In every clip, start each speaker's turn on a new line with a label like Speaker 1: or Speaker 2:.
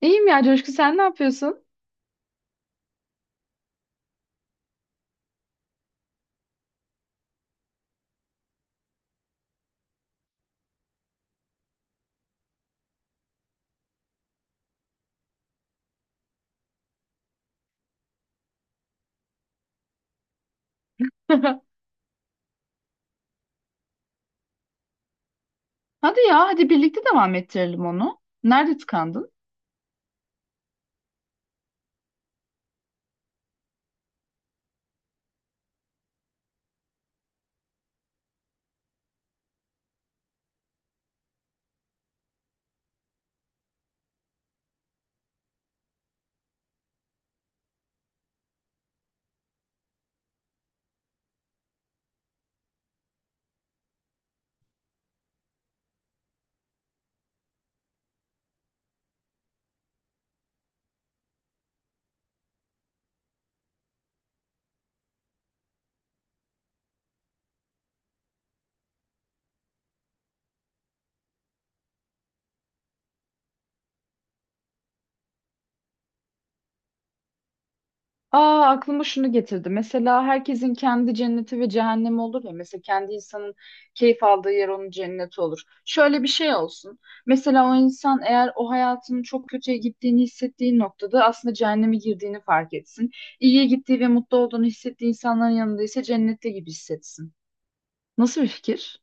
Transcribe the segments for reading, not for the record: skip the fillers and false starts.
Speaker 1: İyiyim ya Coşku, sen ne yapıyorsun? Hadi ya, hadi birlikte devam ettirelim onu. Nerede tıkandın? Aa, aklıma şunu getirdi. Mesela herkesin kendi cenneti ve cehennemi olur ya. Mesela kendi insanın keyif aldığı yer onun cenneti olur. Şöyle bir şey olsun. Mesela o insan eğer o hayatının çok kötüye gittiğini hissettiği noktada aslında cehenneme girdiğini fark etsin. İyiye gittiği ve mutlu olduğunu hissettiği insanların yanında ise cennette gibi hissetsin. Nasıl bir fikir?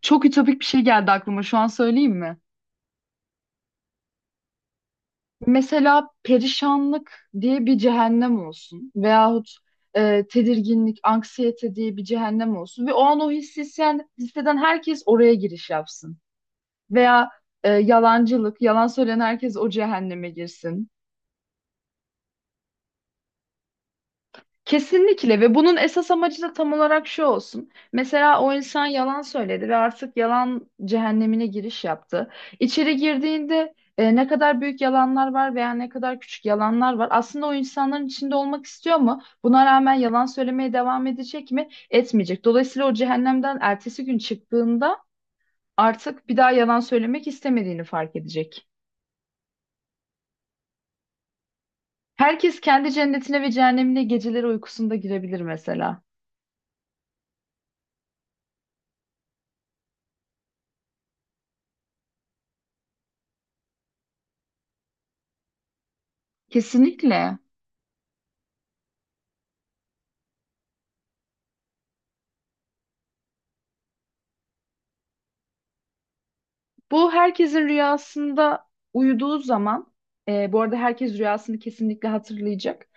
Speaker 1: Çok ütopik bir şey geldi aklıma. Şu an söyleyeyim mi? Mesela perişanlık diye bir cehennem olsun veyahut tedirginlik, anksiyete diye bir cehennem olsun ve o an o hissi hisseden herkes oraya giriş yapsın. Veya yalancılık, yalan söyleyen herkes o cehenneme girsin. Kesinlikle, ve bunun esas amacı da tam olarak şu olsun. Mesela o insan yalan söyledi ve artık yalan cehennemine giriş yaptı. İçeri girdiğinde ne kadar büyük yalanlar var veya ne kadar küçük yalanlar var. Aslında o insanların içinde olmak istiyor mu? Buna rağmen yalan söylemeye devam edecek mi? Etmeyecek. Dolayısıyla o cehennemden ertesi gün çıktığında artık bir daha yalan söylemek istemediğini fark edecek. Herkes kendi cennetine ve cehennemine geceleri uykusunda girebilir mesela. Kesinlikle. Bu herkesin rüyasında uyuduğu zaman, bu arada herkes rüyasını kesinlikle hatırlayacak.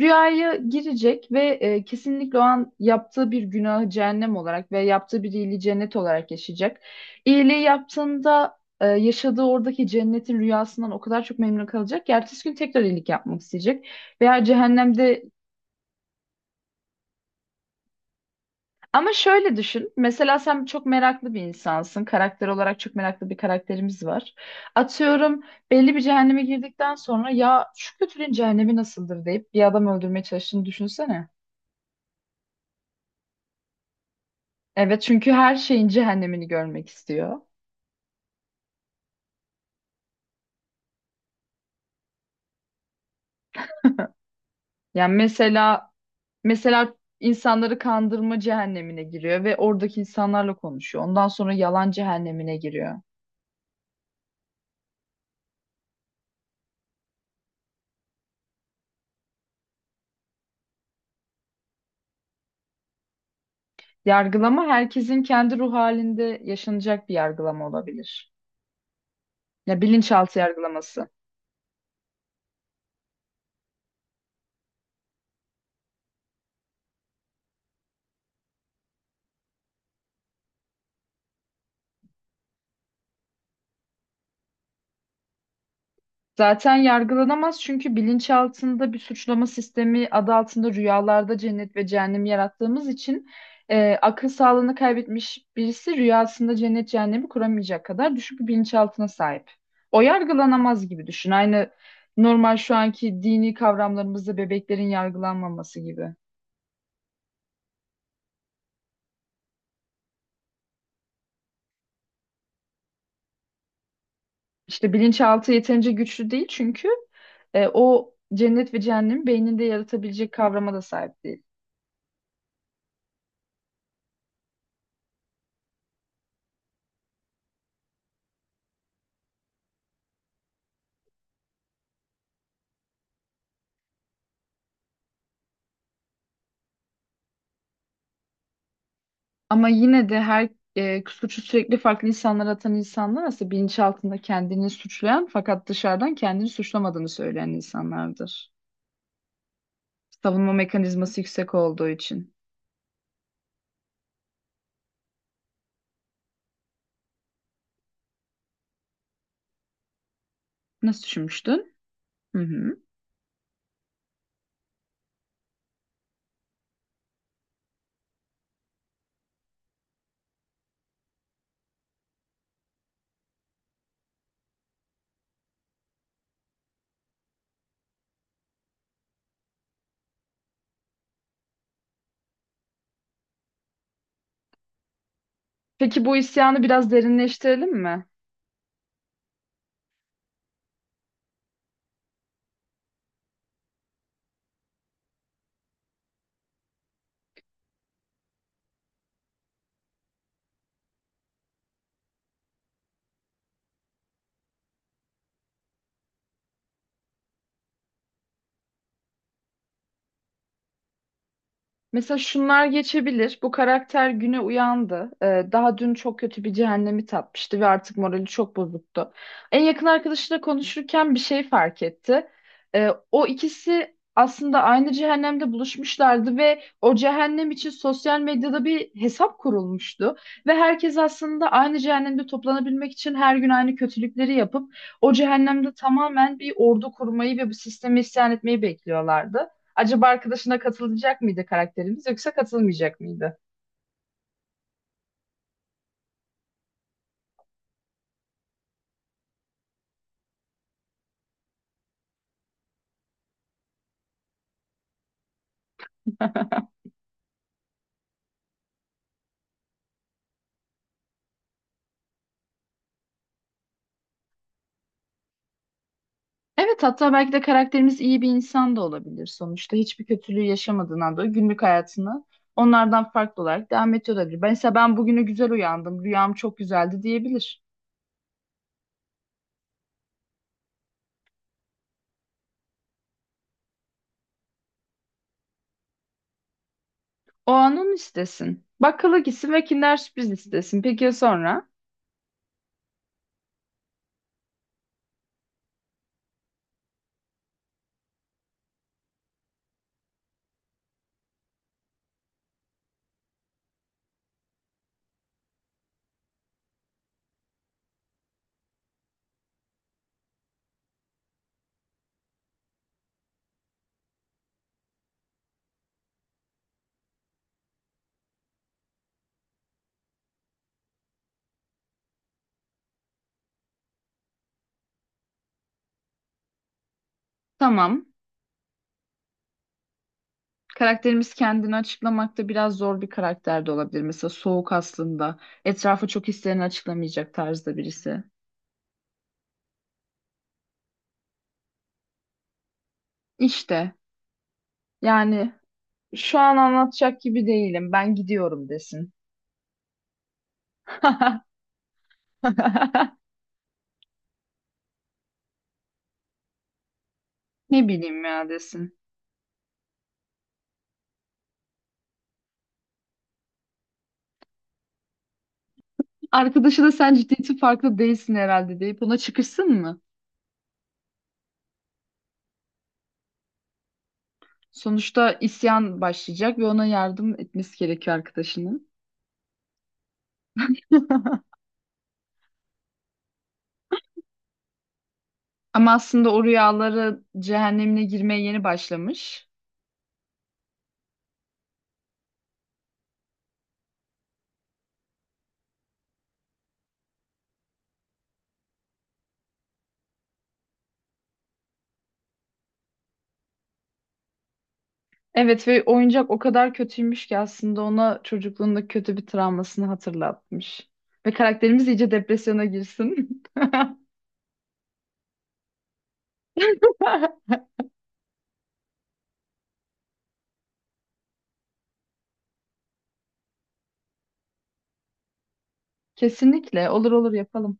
Speaker 1: Rüyaya girecek ve kesinlikle o an yaptığı bir günahı cehennem olarak ve yaptığı bir iyiliği cennet olarak yaşayacak. İyiliği yaptığında yaşadığı oradaki cennetin rüyasından o kadar çok memnun kalacak ki ertesi gün tekrar iyilik yapmak isteyecek. Veya cehennemde. Ama şöyle düşün. Mesela sen çok meraklı bir insansın. Karakter olarak çok meraklı bir karakterimiz var. Atıyorum, belli bir cehenneme girdikten sonra ya şu kötülüğün cehennemi nasıldır deyip bir adam öldürmeye çalıştığını düşünsene. Evet, çünkü her şeyin cehennemini görmek istiyor. Yani mesela, insanları kandırma cehennemine giriyor ve oradaki insanlarla konuşuyor. Ondan sonra yalan cehennemine giriyor. Yargılama herkesin kendi ruh halinde yaşanacak bir yargılama olabilir. Ya, bilinçaltı yargılaması. Zaten yargılanamaz çünkü bilinçaltında bir suçlama sistemi adı altında rüyalarda cennet ve cehennem yarattığımız için akıl sağlığını kaybetmiş birisi rüyasında cennet cehennemi kuramayacak kadar düşük bir bilinçaltına sahip. O yargılanamaz gibi düşün. Aynı normal şu anki dini kavramlarımızda bebeklerin yargılanmaması gibi. İşte bilinçaltı yeterince güçlü değil çünkü o cennet ve cehennemi beyninde yaratabilecek kavrama da sahip değil. Ama yine de her suçu sürekli farklı insanlara atan insanlar aslında bilinçaltında kendini suçlayan fakat dışarıdan kendini suçlamadığını söyleyen insanlardır. Savunma mekanizması yüksek olduğu için. Nasıl düşünmüştün? Hı hı. Peki, bu isyanı biraz derinleştirelim mi? Mesela şunlar geçebilir. Bu karakter güne uyandı. Daha dün çok kötü bir cehennemi tatmıştı ve artık morali çok bozuktu. En yakın arkadaşıyla konuşurken bir şey fark etti. O ikisi aslında aynı cehennemde buluşmuşlardı ve o cehennem için sosyal medyada bir hesap kurulmuştu. Ve herkes aslında aynı cehennemde toplanabilmek için her gün aynı kötülükleri yapıp o cehennemde tamamen bir ordu kurmayı ve bu sisteme isyan etmeyi bekliyorlardı. Acaba arkadaşına katılacak mıydı karakterimiz, yoksa katılmayacak mıydı? Evet, hatta belki de karakterimiz iyi bir insan da olabilir sonuçta. Hiçbir kötülüğü yaşamadığından dolayı günlük hayatını onlardan farklı olarak devam ediyor olabilir. Mesela ben bugünü güzel uyandım, rüyam çok güzeldi diyebilir. O an onu istesin. Bakkala gitsin ve Kinder Sürpriz istesin. Peki ya sonra? Tamam. Karakterimiz kendini açıklamakta biraz zor bir karakter de olabilir. Mesela soğuk aslında. Etrafı çok hislerini açıklamayacak tarzda birisi. İşte. Yani şu an anlatacak gibi değilim. Ben gidiyorum desin. Ne bileyim ya desin. Arkadaşı da sen ciddiyeti farklı değilsin herhalde deyip ona çıkışsın mı? Sonuçta isyan başlayacak ve ona yardım etmesi gerekiyor arkadaşının. Ama aslında o rüyaları cehennemine girmeye yeni başlamış. Evet, ve oyuncak o kadar kötüymüş ki aslında ona çocukluğunda kötü bir travmasını hatırlatmış. Ve karakterimiz iyice depresyona girsin. Kesinlikle, olur olur yapalım.